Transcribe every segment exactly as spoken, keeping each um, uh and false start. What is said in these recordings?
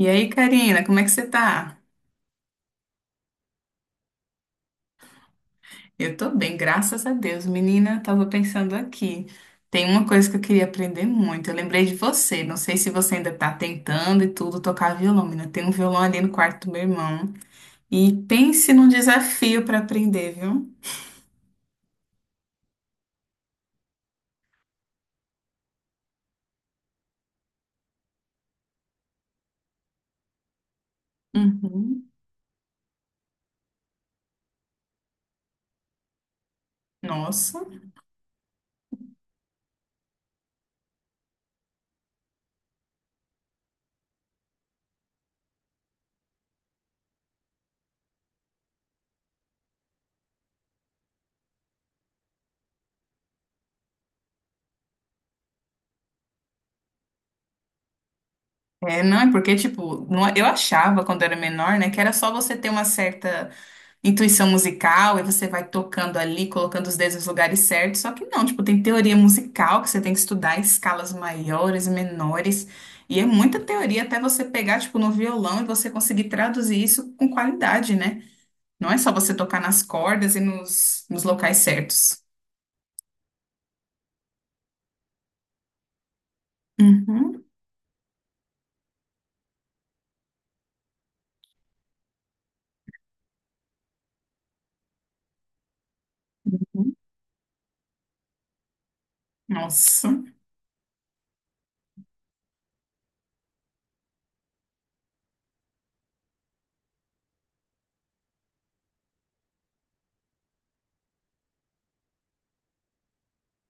E aí, Karina, como é que você tá? Eu tô bem, graças a Deus. Menina, tava pensando aqui. Tem uma coisa que eu queria aprender muito. Eu lembrei de você. Não sei se você ainda tá tentando e tudo tocar violão, menina. Tem um violão ali no quarto do meu irmão. E pense num desafio pra aprender, viu? Uhum. Nossa. É, não, é porque, tipo, não- eu achava quando era menor, né, que era só você ter uma certa intuição musical, e você vai tocando ali, colocando os dedos nos lugares certos. Só que não, tipo, tem teoria musical que você tem que estudar escalas maiores, menores, e é muita teoria até você pegar, tipo, no violão e você conseguir traduzir isso com qualidade, né? Não é só você tocar nas cordas e nos, nos locais certos. Uhum. Nossa.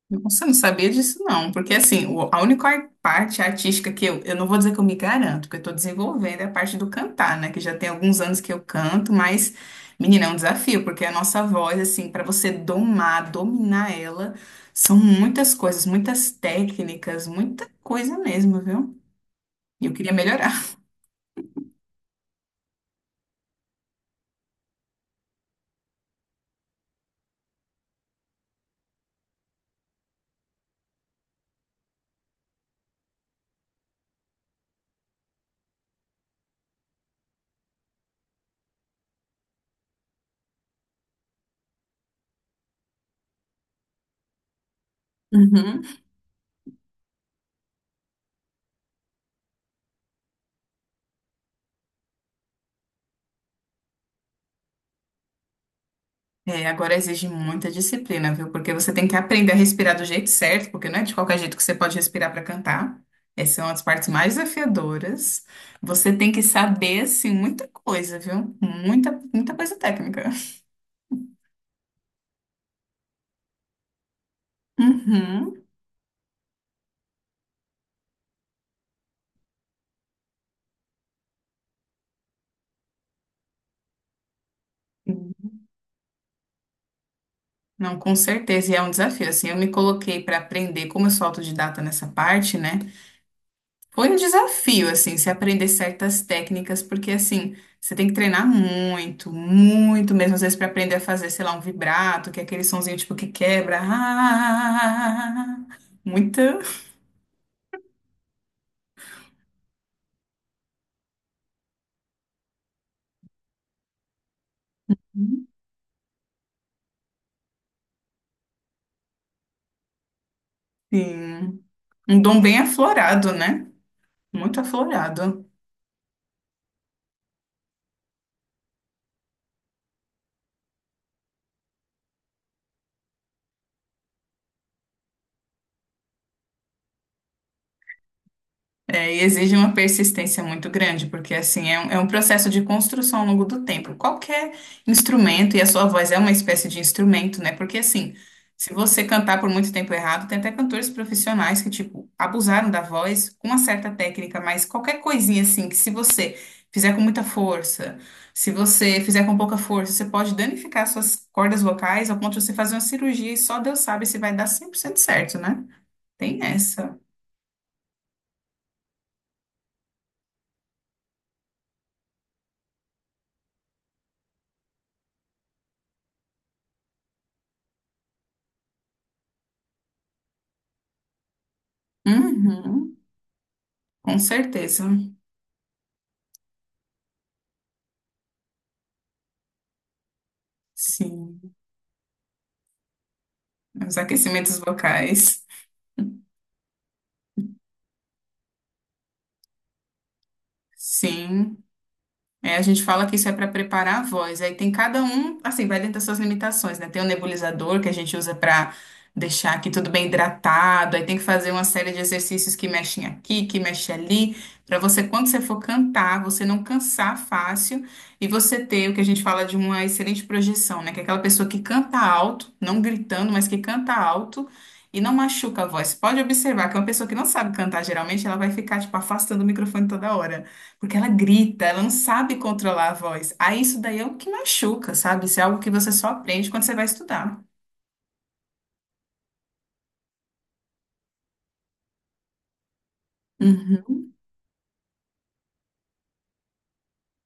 Nossa, eu não sabia disso não, porque assim, o- a única ar- parte artística que eu, eu não vou dizer que eu me garanto, porque eu tô desenvolvendo é a parte do cantar, né, que já tem alguns anos que eu canto, mas, menina, é um desafio, porque a nossa voz, assim, para você domar, dominar ela, são muitas coisas, muitas técnicas, muita coisa mesmo, viu? E eu queria melhorar. É, agora exige muita disciplina, viu? Porque você tem que aprender a respirar do jeito certo, porque não é de qualquer jeito que você pode respirar para cantar. Essa é uma das partes mais desafiadoras. Você tem que saber, assim, muita coisa, viu? Muita, muita coisa técnica. Uhum. Não, com certeza, e é um desafio. Assim, eu me coloquei para aprender, como eu sou autodidata nessa parte, né? Foi um desafio, assim, se aprender certas técnicas, porque, assim, você tem que treinar muito, muito mesmo, às vezes, para aprender a fazer, sei lá, um vibrato, que é aquele sonzinho, tipo, que quebra. Ah, muita, sim, um dom bem aflorado, né? Muito aflorado. É, e exige uma persistência muito grande, porque assim é um, é um processo de construção ao longo do tempo. Qualquer instrumento, e a sua voz é uma espécie de instrumento, né? Porque assim, se você cantar por muito tempo errado, tem até cantores profissionais que, tipo, abusaram da voz com uma certa técnica, mas qualquer coisinha assim, que se você fizer com muita força, se você fizer com pouca força, você pode danificar suas cordas vocais ao ponto de você fazer uma cirurgia e só Deus sabe se vai dar cem por cento certo, né? Tem essa. Uhum. Com certeza, sim. Os aquecimentos vocais, sim. É, a gente fala que isso é para preparar a voz. Aí tem cada um, assim, vai dentro das suas limitações, né? Tem o nebulizador que a gente usa para deixar aqui tudo bem hidratado. Aí tem que fazer uma série de exercícios que mexem aqui, que mexem ali, para você, quando você for cantar, você não cansar fácil e você ter o que a gente fala de uma excelente projeção, né? Que é aquela pessoa que canta alto, não gritando, mas que canta alto. E não machuca a voz. Pode observar que uma pessoa que não sabe cantar, geralmente, ela vai ficar, tipo, afastando o microfone toda hora. Porque ela grita, ela não sabe controlar a voz. Aí isso daí é o que machuca, sabe? Isso é algo que você só aprende quando você vai estudar. Uhum.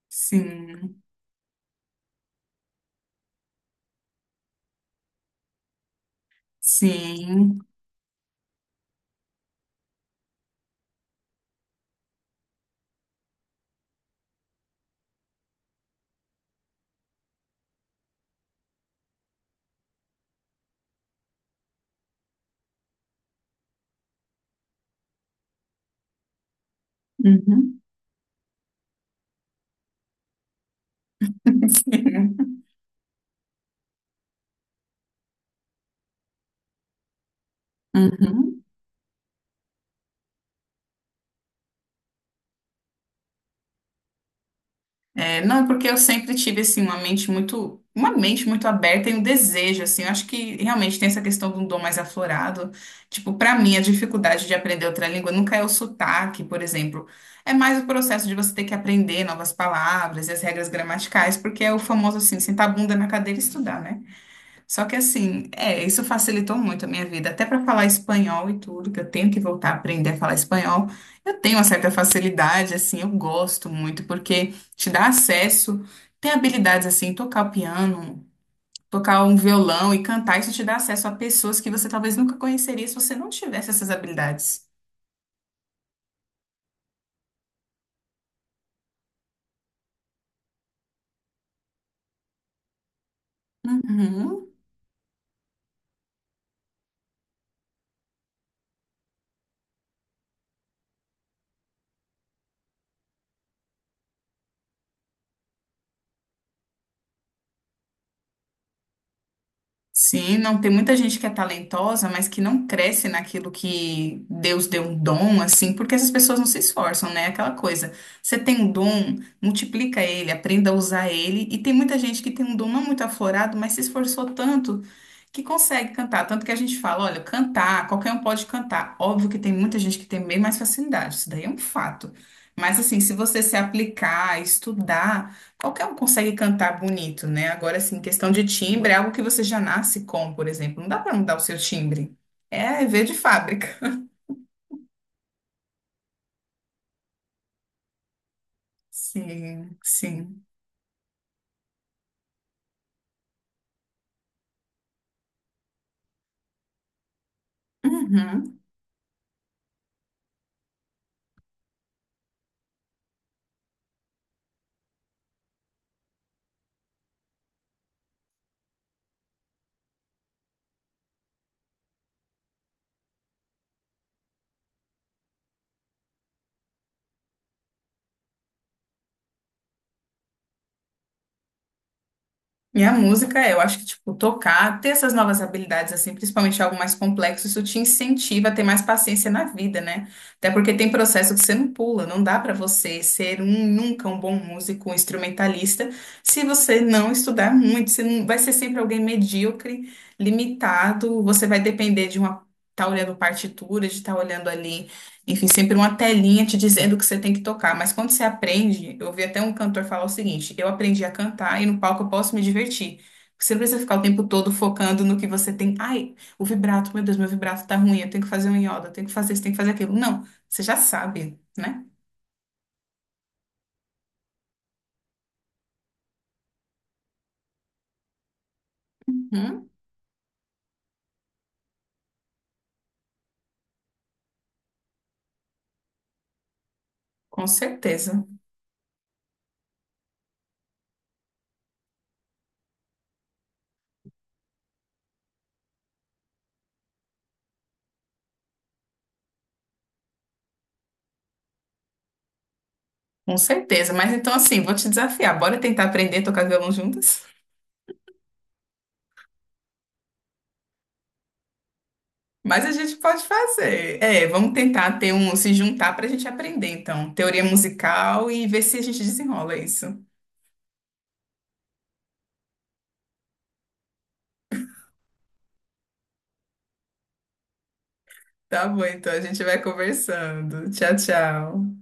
Sim, sim. Uhum. Sim. Uhum. É, não, é porque eu sempre tive, assim, uma mente muito, uma mente muito aberta e um desejo, assim, eu acho que realmente tem essa questão de um dom mais aflorado, tipo, pra mim, a dificuldade de aprender outra língua nunca é o sotaque, por exemplo, é mais o processo de você ter que aprender novas palavras e as regras gramaticais, porque é o famoso, assim, sentar a bunda na cadeira e estudar, né? Só que assim, é, isso facilitou muito a minha vida, até para falar espanhol e tudo, que eu tenho que voltar a aprender a falar espanhol. Eu tenho uma certa facilidade, assim, eu gosto muito, porque te dá acesso, tem habilidades assim, tocar o piano, tocar um violão e cantar, isso te dá acesso a pessoas que você talvez nunca conheceria se você não tivesse essas habilidades. Uhum. Sim, não tem muita gente que é talentosa, mas que não cresce naquilo que Deus deu um dom, assim, porque essas pessoas não se esforçam, né? Aquela coisa. Você tem um dom, multiplica ele, aprenda a usar ele. E tem muita gente que tem um dom não muito aflorado, mas se esforçou tanto que consegue cantar. Tanto que a gente fala, olha, cantar, qualquer um pode cantar. Óbvio que tem muita gente que tem bem mais facilidade, isso daí é um fato. Mas assim, se você se aplicar, estudar, qualquer um consegue cantar bonito, né? Agora, assim, questão de timbre é algo que você já nasce com, por exemplo. Não dá para mudar o seu timbre. É ver de fábrica. Sim, sim. Uhum. E a música, eu acho que, tipo, tocar, ter essas novas habilidades, assim, principalmente algo mais complexo, isso te incentiva a ter mais paciência na vida, né? Até porque tem processo que você não pula, não dá pra você ser um, nunca um bom músico, um instrumentalista, se você não estudar muito, você não, vai ser sempre alguém medíocre, limitado, você vai depender de uma, tá olhando partitura, de estar olhando ali enfim, sempre uma telinha te dizendo o que você tem que tocar. Mas quando você aprende, eu ouvi até um cantor falar o seguinte: eu aprendi a cantar e no palco eu posso me divertir. Você não precisa ficar o tempo todo focando no que você tem. Ai, o vibrato, meu Deus, meu vibrato tá ruim, eu tenho que fazer um iodo, eu tenho que fazer isso, tenho que fazer aquilo. Não, você já sabe, né? Uhum, com certeza, com certeza. Mas então, assim, vou te desafiar. Bora tentar aprender a tocar violão juntas? Mas a gente pode fazer. É, vamos tentar ter um, se juntar para a gente aprender, então, teoria musical e ver se a gente desenrola isso. Tá bom, então a gente vai conversando. Tchau, tchau.